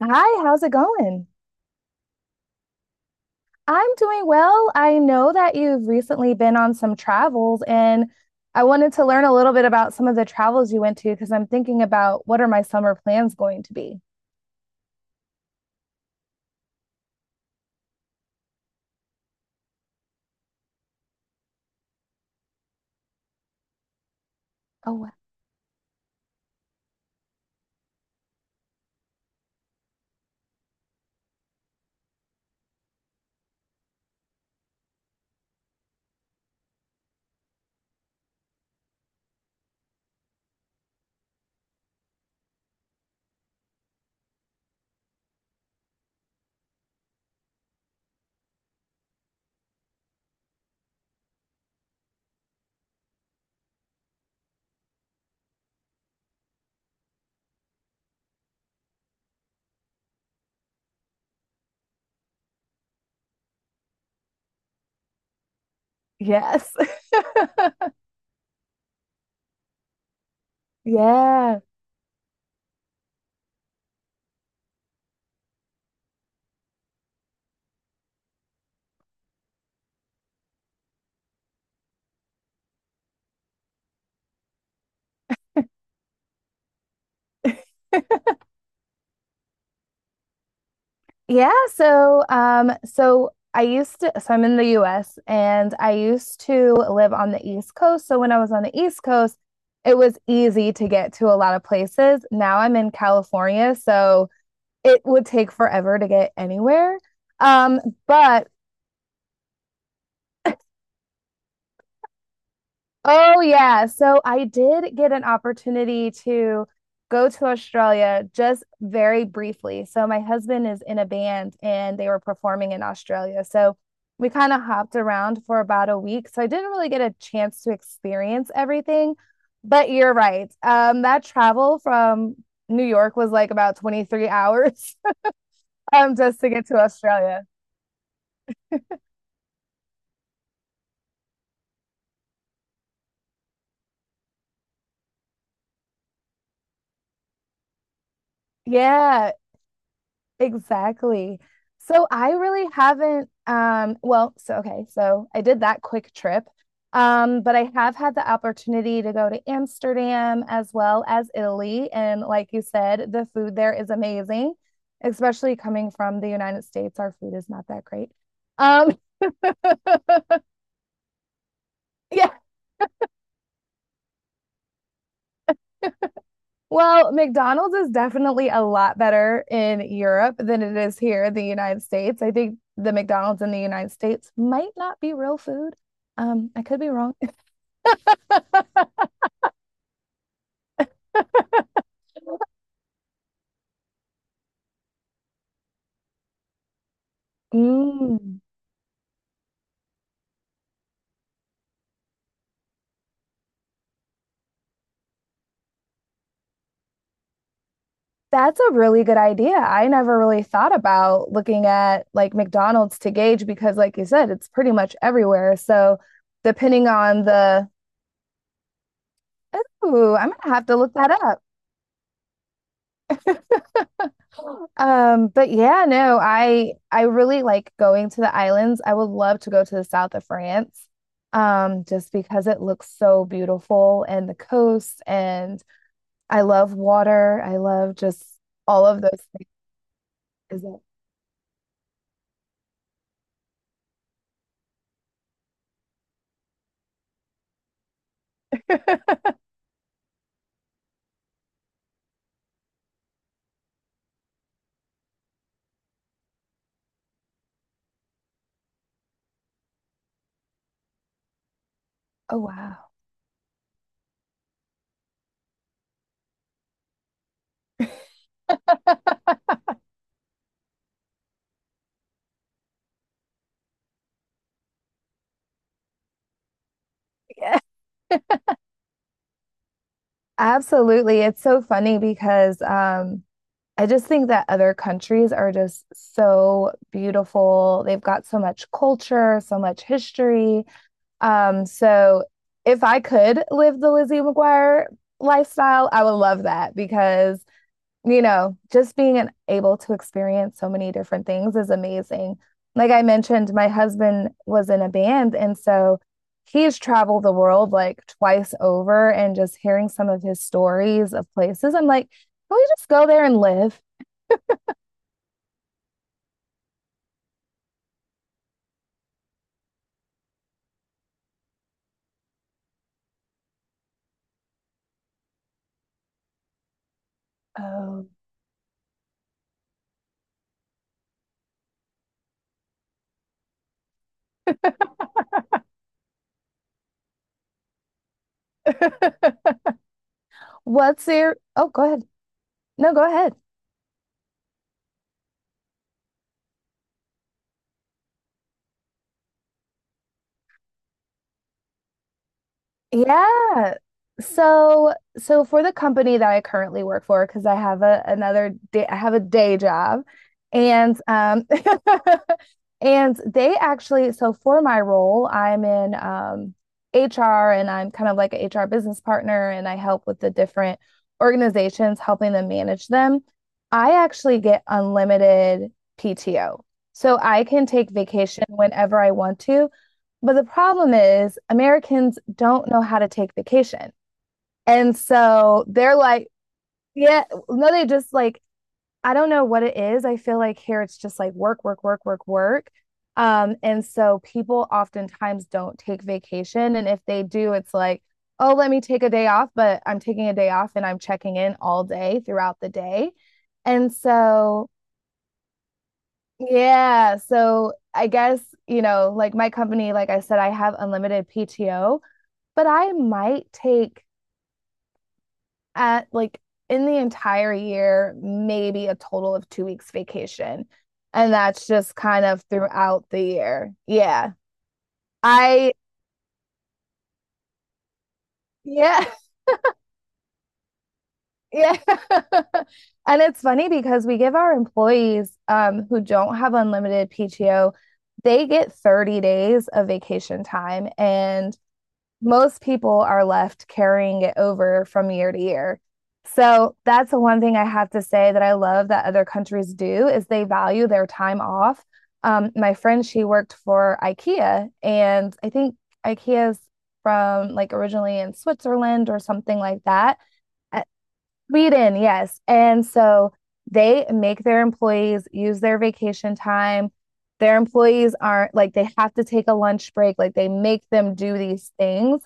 Hi, how's it going? I'm doing well. I know that you've recently been on some travels, and I wanted to learn a little bit about some of the travels you went to because I'm thinking about what are my summer plans going to be? Oh, wow. Yes. Yeah. So I'm in the US and I used to live on the East Coast. So when I was on the East Coast, it was easy to get to a lot of places. Now I'm in California, so it would take forever to get anywhere. Um, but Oh yeah, so I did get an opportunity to go to Australia just very briefly. So my husband is in a band and they were performing in Australia. So we kind of hopped around for about a week. So I didn't really get a chance to experience everything. But you're right. That travel from New York was like about 23 hours. Um, just to get to Australia. Yeah. Exactly. So I really haven't well, so okay, so I did that quick trip. But I have had the opportunity to go to Amsterdam as well as Italy. And like you said, the food there is amazing, especially coming from the United States. Our food is not that great. Um, yeah. Well, McDonald's is definitely a lot better in Europe than it is here in the United States. I think the McDonald's in the United States might not be real food. I could be wrong. Mm, that's a really good idea. I never really thought about looking at like McDonald's to gauge because, like you said, it's pretty much everywhere. Depending on the, Ooh, I'm gonna have to look that up. But Yeah, no. I really like going to the islands. I would love to go to the south of France, just because it looks so beautiful and the coast. And I love water. I love just all of those things. Is it? Oh wow. Yeah. Absolutely. It's so funny because I just think that other countries are just so beautiful. They've got so much culture, so much history. Um, so if I could live the Lizzie McGuire lifestyle, I would love that because, you know, just being able to experience so many different things is amazing. Like I mentioned, my husband was in a band, and so he's traveled the world like twice over and just hearing some of his stories of places. I'm like, can we just go there and live? Oh, oh, go ahead. No, go ahead. Yeah. So, for the company that I currently work for, because I have a another day, I have a day job, and And they actually, so for my role, I'm in HR, and I'm kind of like an HR business partner, and I help with the different organizations, helping them manage them. I actually get unlimited PTO. So I can take vacation whenever I want to. But the problem is, Americans don't know how to take vacation. And so they're like, yeah, no, they just like I don't know what it is. I feel like here it's just like work, work, work, work, work. And so people oftentimes don't take vacation. And if they do, it's like, oh, let me take a day off, but I'm taking a day off and I'm checking in all day throughout the day. And so, yeah. So I guess, you know, like my company, like I said, I have unlimited PTO, but I might take at like in the entire year maybe a total of 2 weeks vacation. And that's just kind of throughout the year. Yeah. I, yeah, yeah. And it's funny because we give our employees who don't have unlimited PTO, they get 30 days of vacation time. And most people are left carrying it over from year to year. So that's the one thing I have to say that I love that other countries do is they value their time off. My friend, she worked for IKEA, and I think IKEA's from like originally in Switzerland or something like that. Uh, Sweden, yes. And so they make their employees use their vacation time. Their employees aren't like they have to take a lunch break, like they make them do these things,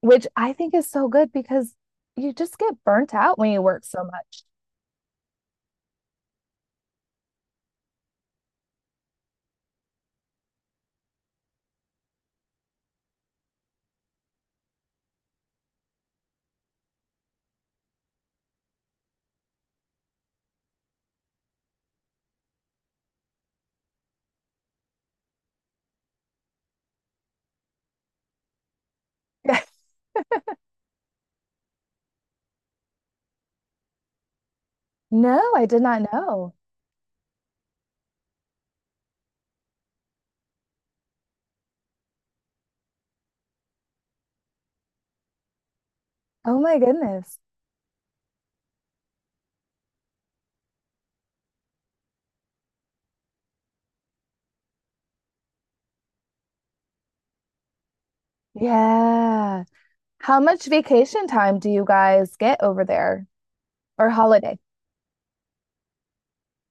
which I think is so good because you just get burnt out when you work so much. Yes. No, I did not know. Oh my goodness. Yeah. How much vacation time do you guys get over there, or holiday?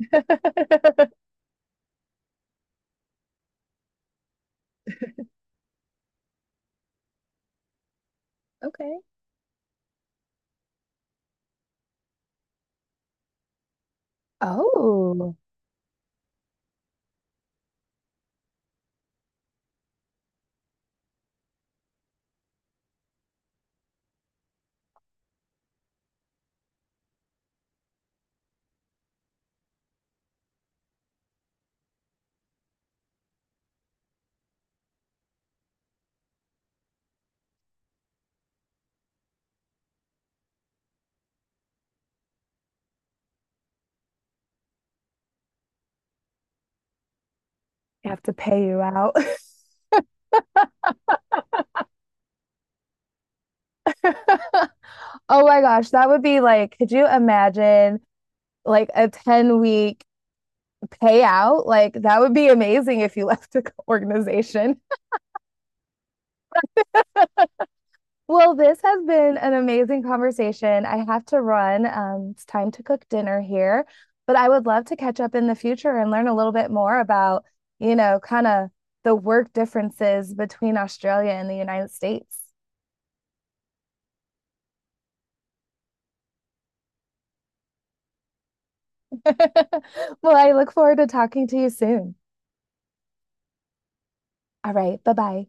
Okay. Oh. You have to pay you out. Oh my gosh, that would be like, could you imagine like a 10-week payout? Like that would be amazing if you left the organization. Well, this has been an amazing conversation. I have to run. It's time to cook dinner here, but I would love to catch up in the future and learn a little bit more about, you know, kind of the work differences between Australia and the United States. Well, I look forward to talking to you soon. All right, bye-bye.